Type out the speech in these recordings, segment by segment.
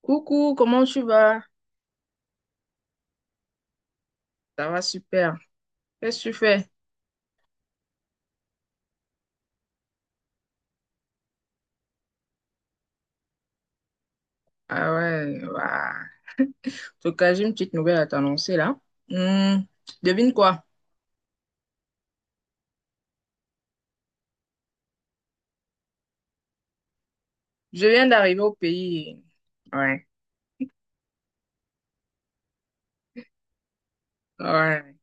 Coucou, comment tu vas? Ça va super. Qu'est-ce que tu fais? Ah ouais, bah, en tout cas, j'ai une petite nouvelle à t'annoncer là. Hmm, devine quoi? Je viens d'arriver au pays. Ouais, ouais.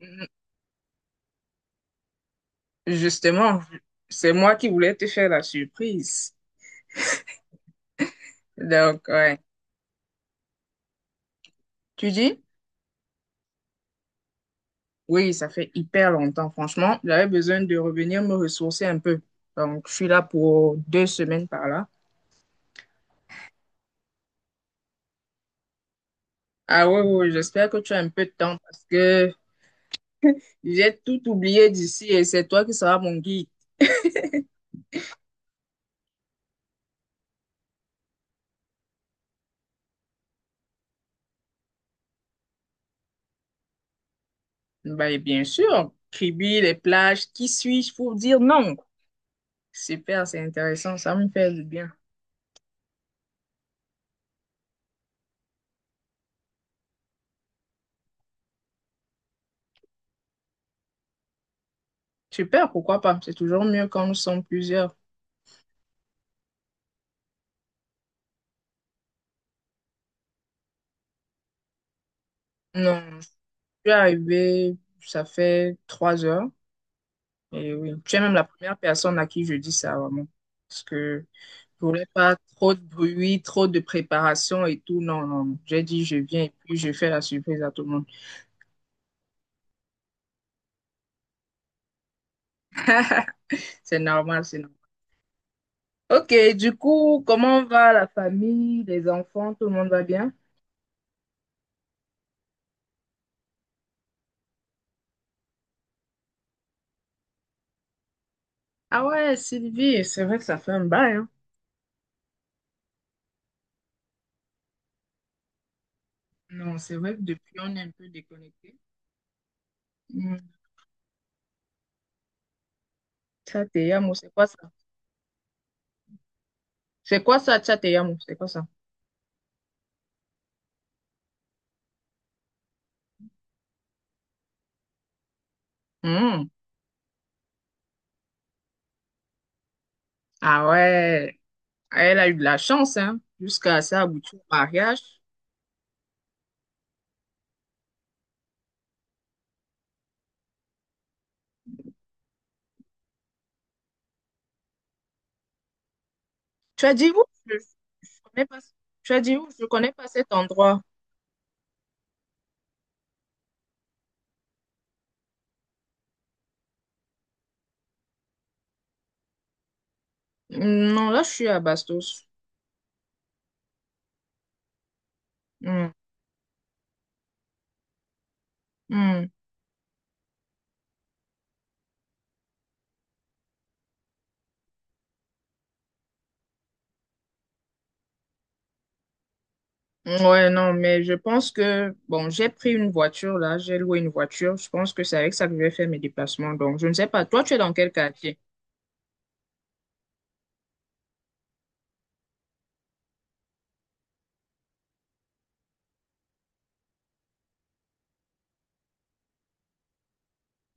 Hmm, Justement, c'est moi qui voulais te faire la surprise. Donc, ouais. Tu dis? Oui, ça fait hyper longtemps, franchement. J'avais besoin de revenir me ressourcer un peu. Donc, je suis là pour 2 semaines par là. Ah ouais, ouais, ouais, j'espère que tu as un peu de temps parce que j'ai tout oublié d'ici et c'est toi qui seras mon guide. Bah, et bien sûr, Kribi, les plages, qui suis-je pour dire non? Super, c'est intéressant, ça me fait du bien. Super, pourquoi pas? C'est toujours mieux quand nous sommes plusieurs. Non, je suis arrivée, ça fait 3 heures. Et oui, tu es même la première personne à qui je dis ça, vraiment. Parce que je voulais pas trop de bruit, trop de préparation et tout. Non, non, non. J'ai dit je viens et puis je fais la surprise à tout le monde. C'est normal, c'est normal. Ok, du coup, comment va la famille, les enfants, tout le monde va bien? Ah ouais, Sylvie, c'est vrai que ça fait un bail, hein. Non, c'est vrai que depuis, on est un peu déconnecté. Hmm. Tchateyamo, c'est quoi ça? C'est quoi ça, Tchateyamo? C'est quoi ça? Hmm. Ah ouais, elle a eu de la chance, hein, jusqu'à ça, aboutir au mariage. Tu as dit où? Je connais pas, tu as dit où? Je connais pas cet endroit. Hmm, non, là, je suis à Bastos. Hmm. Hmm. Ouais, non, mais je pense que, bon, j'ai pris une voiture là, j'ai loué une voiture. Je pense que c'est avec ça que je vais faire mes déplacements. Donc, je ne sais pas, toi, tu es dans quel quartier?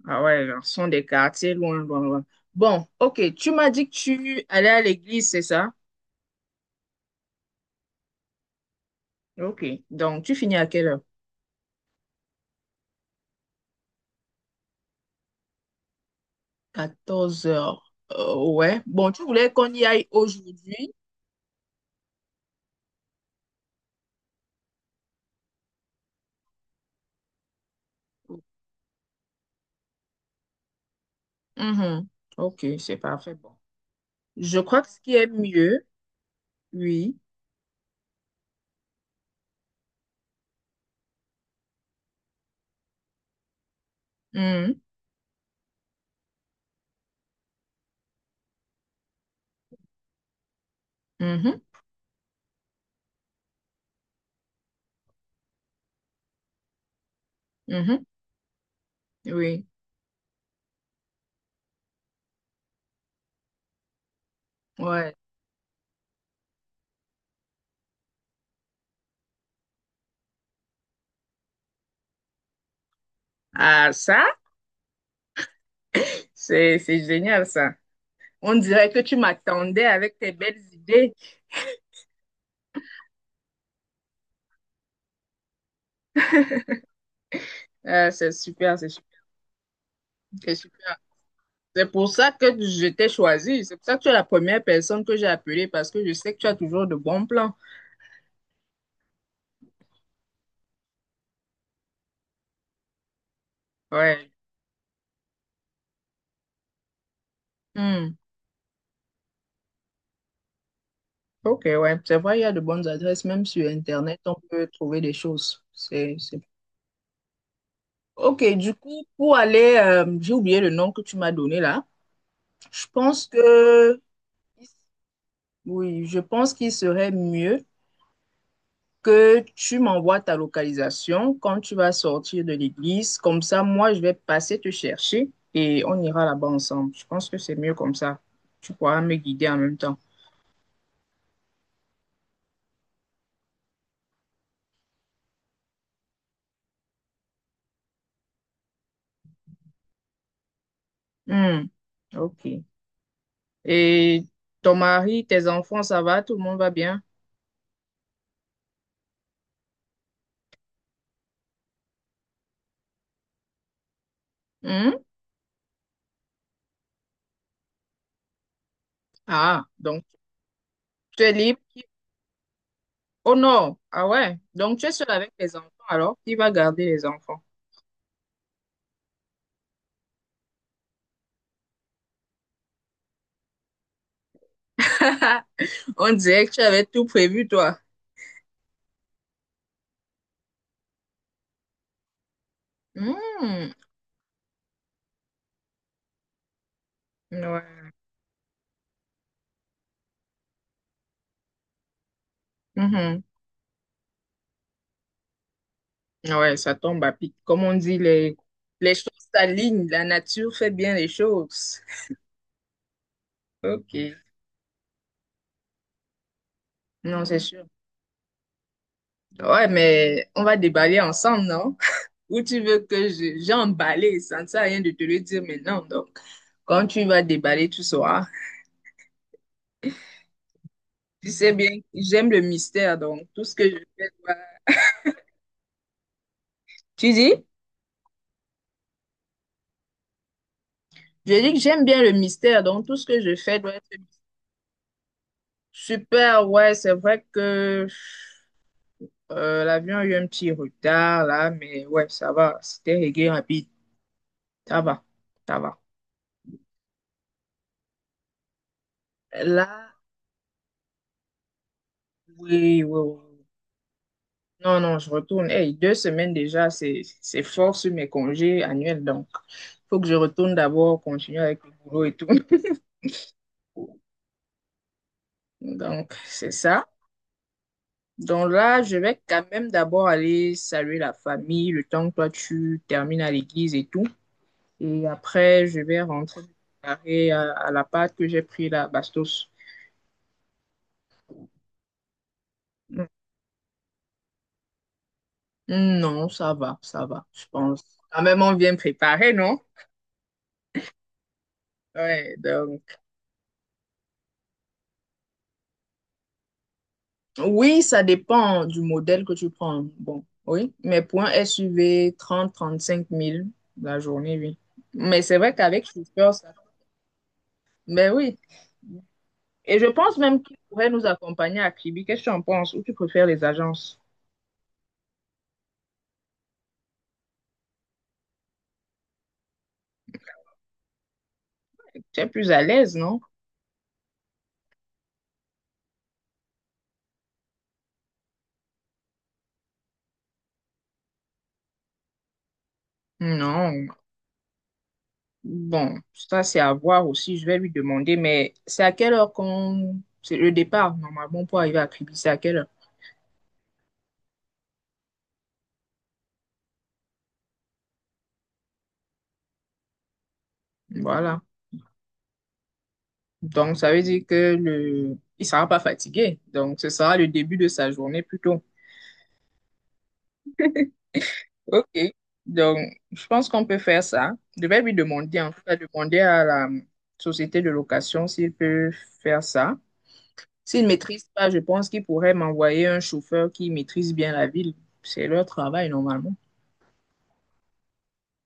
Ah ouais, là, ce sont des quartiers loin, loin, loin. Bon, ok, tu m'as dit que tu allais à l'église, c'est ça? Ok, donc tu finis à quelle heure? 14 heures. Ouais, bon, tu voulais qu'on y aille aujourd'hui? Mhm. Ok, c'est parfait. Bon. Je crois que ce qui est mieux, oui. Mhm. Mhm. Mhm. Oui, ouais. Ah, ça. C'est génial ça. On dirait que tu m'attendais avec tes belles idées. Ah, c'est super, c'est super, c'est super. C'est pour ça que je t'ai choisi. C'est pour ça que tu es la première personne que j'ai appelée parce que je sais que tu as toujours de bons plans. Ouais. Hmm. Ok, ouais. C'est vrai, il y a de bonnes adresses. Même sur Internet, on peut trouver des choses. C'est... Ok, du coup, pour aller, j'ai oublié le nom que tu m'as donné là. Je pense que, oui, je pense qu'il serait mieux. Que tu m'envoies ta localisation quand tu vas sortir de l'église. Comme ça, moi, je vais passer te chercher et on ira là-bas ensemble. Je pense que c'est mieux comme ça. Tu pourras me guider en même temps. Hmm, ok. Et ton mari, tes enfants, ça va? Tout le monde va bien? Hmm? Ah, donc tu es libre. Oh non, ah ouais. Donc tu es seul avec tes enfants alors? Qui va garder les enfants? On dirait que tu avais tout prévu, toi. Hmm, ouais. Mhm. Ouais, ça tombe à pic. Comme on dit, les choses s'alignent, la nature fait bien les choses. Ok, non, c'est sûr. Ouais, mais on va déballer ensemble, non? Ou tu veux que j'emballe, ça ne sert à rien de te le dire maintenant. Donc, quand tu vas déballer, tu sauras. Tu sais bien, j'aime le mystère, donc tout ce que je fais doit... Tu dis? Je dis que j'aime bien le mystère, donc tout ce que je fais doit être super. Ouais, c'est vrai que... L'avion a eu un petit retard là, mais ouais, ça va. C'était réglé rapide. Ça va, ça va. Là, oui, oui, oui. Non, non, je retourne. Hey, 2 semaines déjà, c'est fort sur mes congés annuels. Donc, faut que je retourne d'abord, continuer avec le boulot et tout. Donc, c'est ça. Donc là, je vais quand même d'abord aller saluer la famille, le temps que toi tu termines à l'église et tout. Et après, je vais rentrer me préparer à la pâte que j'ai pris là, Bastos. Non, ça va, je pense. Quand même, on vient préparer, non? Ouais, donc, oui, ça dépend du modèle que tu prends. Bon, oui, mais pour un SUV, 30, 35 000 la journée, oui. Mais c'est vrai qu'avec chauffeur, ça. Mais oui. Et je pense même qu'ils pourraient nous accompagner à Kribi. Qu'est-ce que tu en penses? Ou tu préfères les agences? Tu es plus à l'aise, non? Non. Bon, ça, c'est à voir aussi. Je vais lui demander, mais c'est à quelle heure qu'on. C'est le départ, normalement, pour arriver à Kribi. C'est à quelle heure? Voilà. Donc, ça veut dire que le... il sera pas fatigué. Donc, ce sera le début de sa journée plutôt. OK. Donc, je pense qu'on peut faire ça. Je vais lui demander, en tout cas, demander à la société de location s'il peut faire ça. S'il ne maîtrise pas, je pense qu'il pourrait m'envoyer un chauffeur qui maîtrise bien la ville. C'est leur travail, normalement.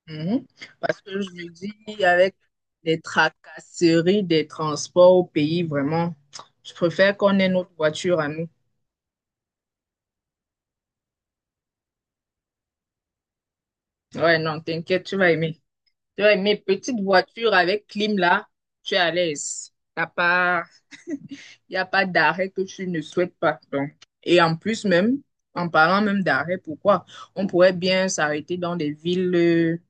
Mhm. Parce que je me dis, avec les tracasseries des transports au pays, vraiment, je préfère qu'on ait notre voiture à nous. Ouais, non, t'inquiète, tu vas aimer. Tu vas aimer. Petite voiture avec clim là, tu es à l'aise. T'as pas, il n'y a pas d'arrêt que tu ne souhaites pas. Donc. Et en plus même, en parlant même d'arrêt, pourquoi? On pourrait bien s'arrêter dans des villes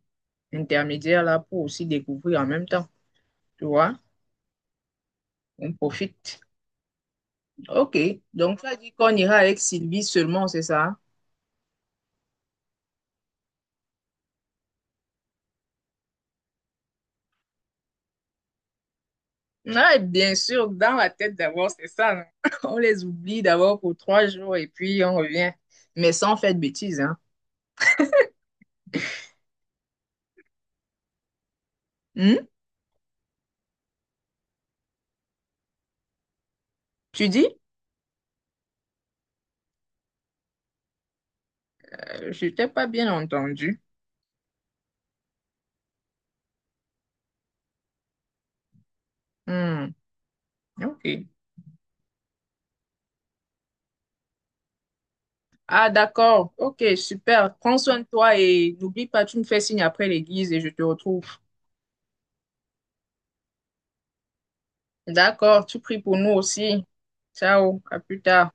intermédiaires là pour aussi découvrir en même temps. Tu vois? On profite. OK. Donc, tu as dit qu'on ira avec Sylvie seulement, c'est ça? Ouais, bien sûr, dans la tête d'abord, c'est ça. Non? On les oublie d'abord pour 3 jours et puis on revient. Mais sans faire de bêtises, hein. Hmm? Tu dis? Je t'ai pas bien entendu. Hmm, ok. Ah, d'accord. Ok, super. Prends soin de toi et n'oublie pas, tu me fais signe après l'église et je te retrouve. D'accord, tu pries pour nous aussi. Ciao, à plus tard.